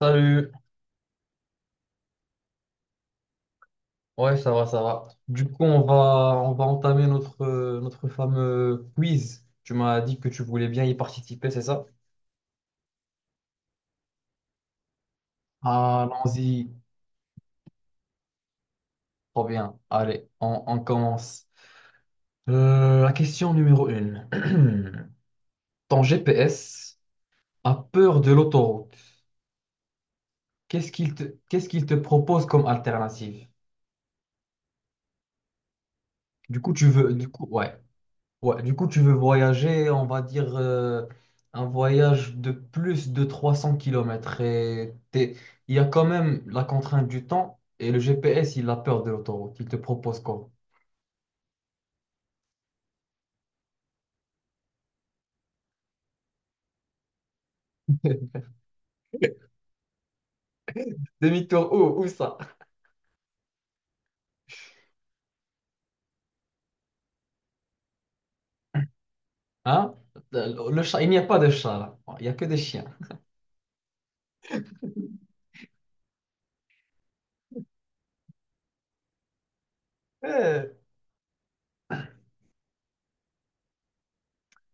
Salut, ouais, ça va, ça va. Du coup, on va entamer notre fameux quiz. Tu m'as dit que tu voulais bien y participer, c'est ça? Allons-y, trop bien. Allez, on commence. La question numéro une. Ton GPS a peur de l'autoroute. Qu'est-ce qu'il te, Qu'est-ce qu'il te propose comme alternative? Du coup, tu veux, du coup, ouais. Ouais, du coup, tu veux voyager, on va dire, un voyage de plus de 300 kilomètres. Il y a quand même la contrainte du temps, et le GPS, il a peur de l'autoroute. Il te propose quoi? Demi-tour, où ça? Hein? Le chat, il n'y a pas de chat là. Il n'y a que des chiens. Eh,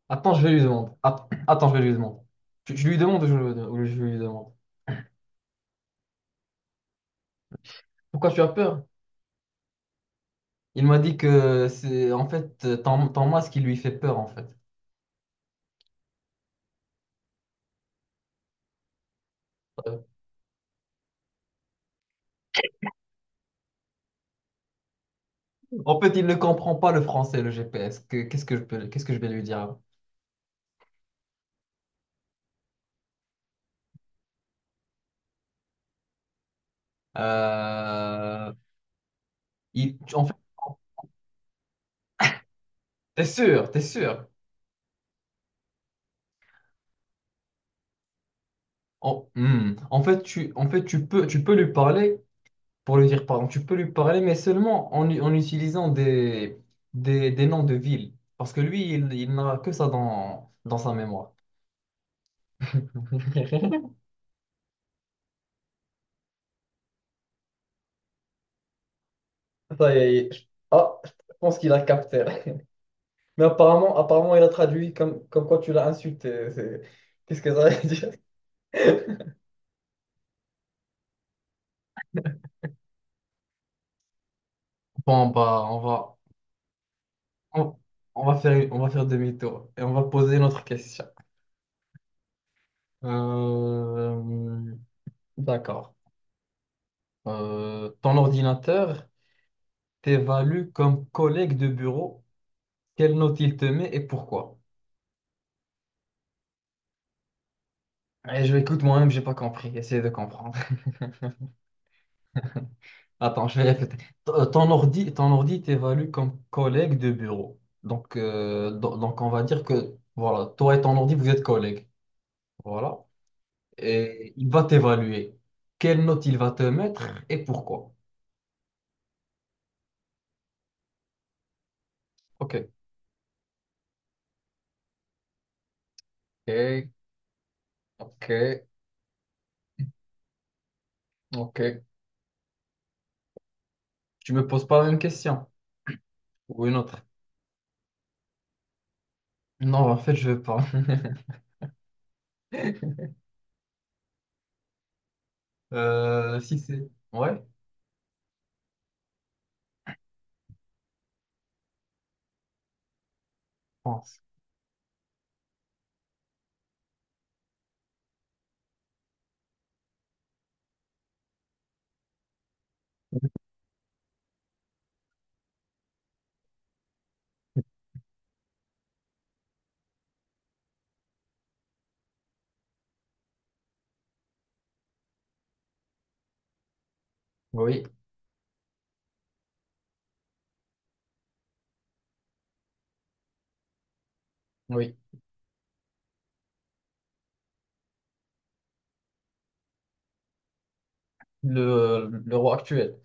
Attends, je vais lui demander. Attends, je vais lui demander. Je lui demande ou je lui demande. Pourquoi tu as peur? Il m'a dit que c'est en fait ton masque qui lui fait peur en fait. Euh, En fait, il ne comprend pas le français, le GPS. Qu'est-ce que qu'est-ce que je vais lui dire? Euh, en fait, t'es sûr, t'es sûr? En, hmm. En fait, tu peux lui parler, pour lui dire pardon, tu peux lui parler, mais seulement en utilisant des noms de villes. Parce que lui, il n'a que ça dans sa mémoire. Ça y est, je pense qu'il a capté. Mais apparemment, il a traduit comme quoi tu l'as insulté. Qu'est-ce que ça veut dire? Bon, bah, on, on va faire demi-tour et on va poser notre question. Euh, d'accord. Ton ordinateur t'évalue comme collègue de bureau. Quelle note il te met et pourquoi? Je écoute moi-même, j'ai pas compris. Essaye de comprendre. Attends, je vais répéter. Ton ordi, ton ordi t'évalue comme collègue de bureau. Donc, donc, on va dire que, voilà, toi et ton ordi, vous êtes collègues. Voilà. Et il va t'évaluer. Quelle note il va te mettre et pourquoi? Ok, ok, ok, ok. Tu me poses pas la même question ou une autre? Non, en fait, je veux pas. Si c'est... Ouais, je pense. Oui, oui. Le roi actuel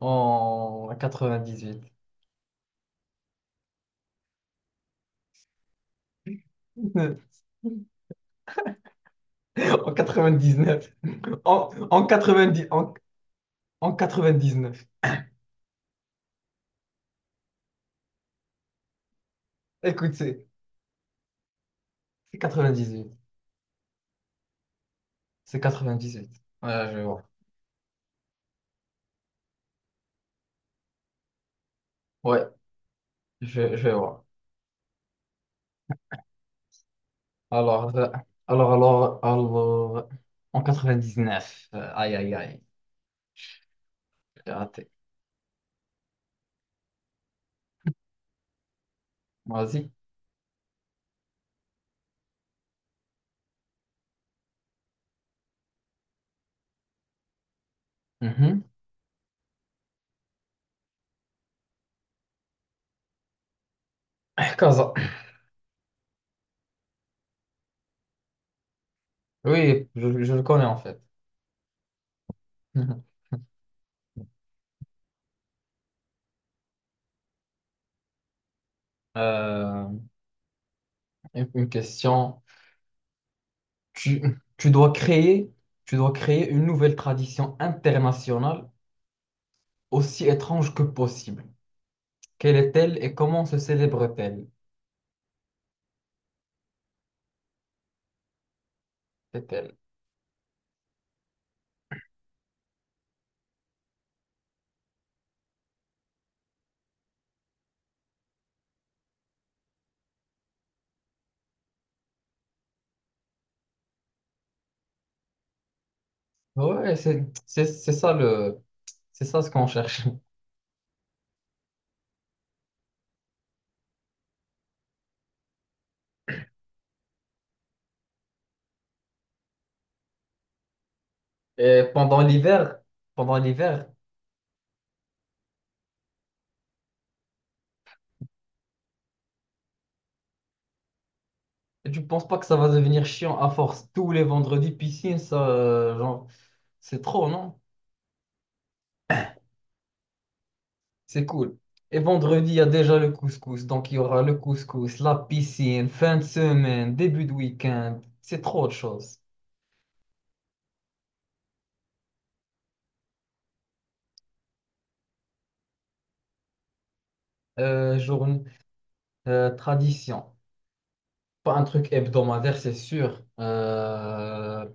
en 98. En 99. En 90, en 99. Écoute, c'est 98. C'est 98. Voilà, je vois. Ouais. Je vais voir. Alors, alors, en 99. Aïe, aïe, aïe, j'ai raté. Vas-y. Mhm. Kaza. Oui, je le connais en fait. Mhm. Euh, une question. Tu, Tu dois créer, tu dois créer une nouvelle tradition internationale aussi étrange que possible. Quelle est-elle et comment se célèbre-t-elle? C'est-elle? Ouais, c'est ça c'est ça ce qu'on cherche. Et pendant l'hiver, pendant l'hiver, et tu penses pas que ça va devenir chiant à force tous les vendredis piscine, ça, genre, c'est trop, non? C'est cool. Et vendredi, il y a déjà le couscous. Donc, il y aura le couscous, la piscine, fin de semaine, début de week-end. C'est trop de choses. Euh, journée, Tradition. Pas un truc hebdomadaire, c'est sûr.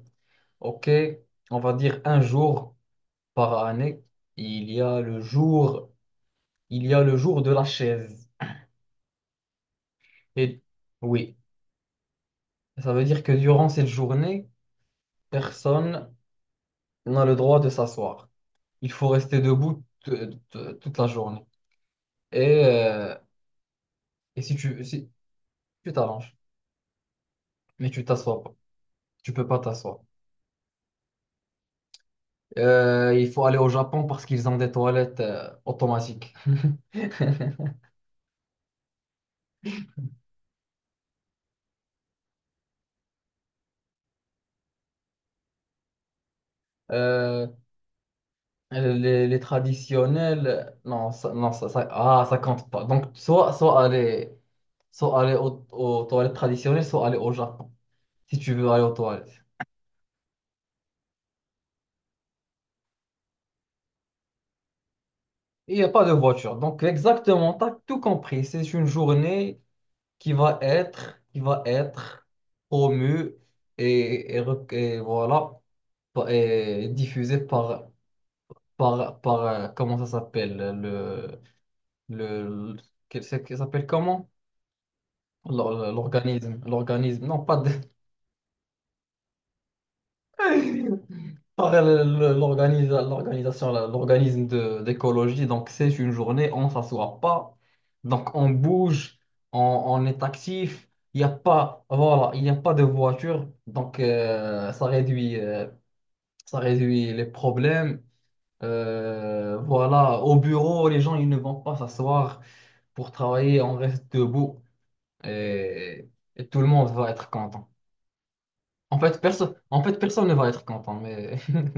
Ok, on va dire un jour par année. Il y a le jour, il y a le jour de la chaise. Et oui. Ça veut dire que durant cette journée, personne n'a le droit de s'asseoir. Il faut rester debout toute la journée. Et, euh, et si tu t'arranges, mais tu t'assois pas. Tu peux pas t'asseoir. Il faut aller au Japon parce qu'ils ont des toilettes automatiques. Euh, les traditionnels, non, ça, non, ça compte pas. Donc, soit aller aux toilettes traditionnelles, soit aller au Japon, si tu veux aller aux toilettes. Il n'y a pas de voiture. Donc, exactement, tu as tout compris. C'est une journée qui va être promue et, et voilà, et diffusée par, comment ça s'appelle, le, le- que ça s'appelle comment? L'organisme, non, pas de... Par l'organisation, l'organisme d'écologie. Donc, c'est une journée, on ne s'assoit pas. Donc, on bouge, on, on est actif. Il n'y a pas, voilà, il n'y a pas de voiture. Donc, ça réduit les problèmes. Voilà, au bureau, les gens, ils ne vont pas s'asseoir pour travailler. On reste debout et, et tout le monde va être content. En fait, personne ne va être content, mais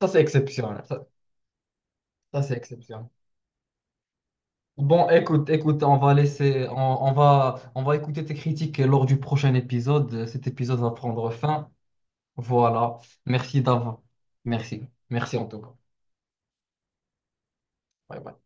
ça, c'est exceptionnel. Ça, c'est exceptionnel. Bon, écoute, on va laisser, on va écouter tes critiques lors du prochain épisode. Cet épisode va prendre fin. Voilà. Merci d'avoir. Merci. Merci en tout cas. Bye bye.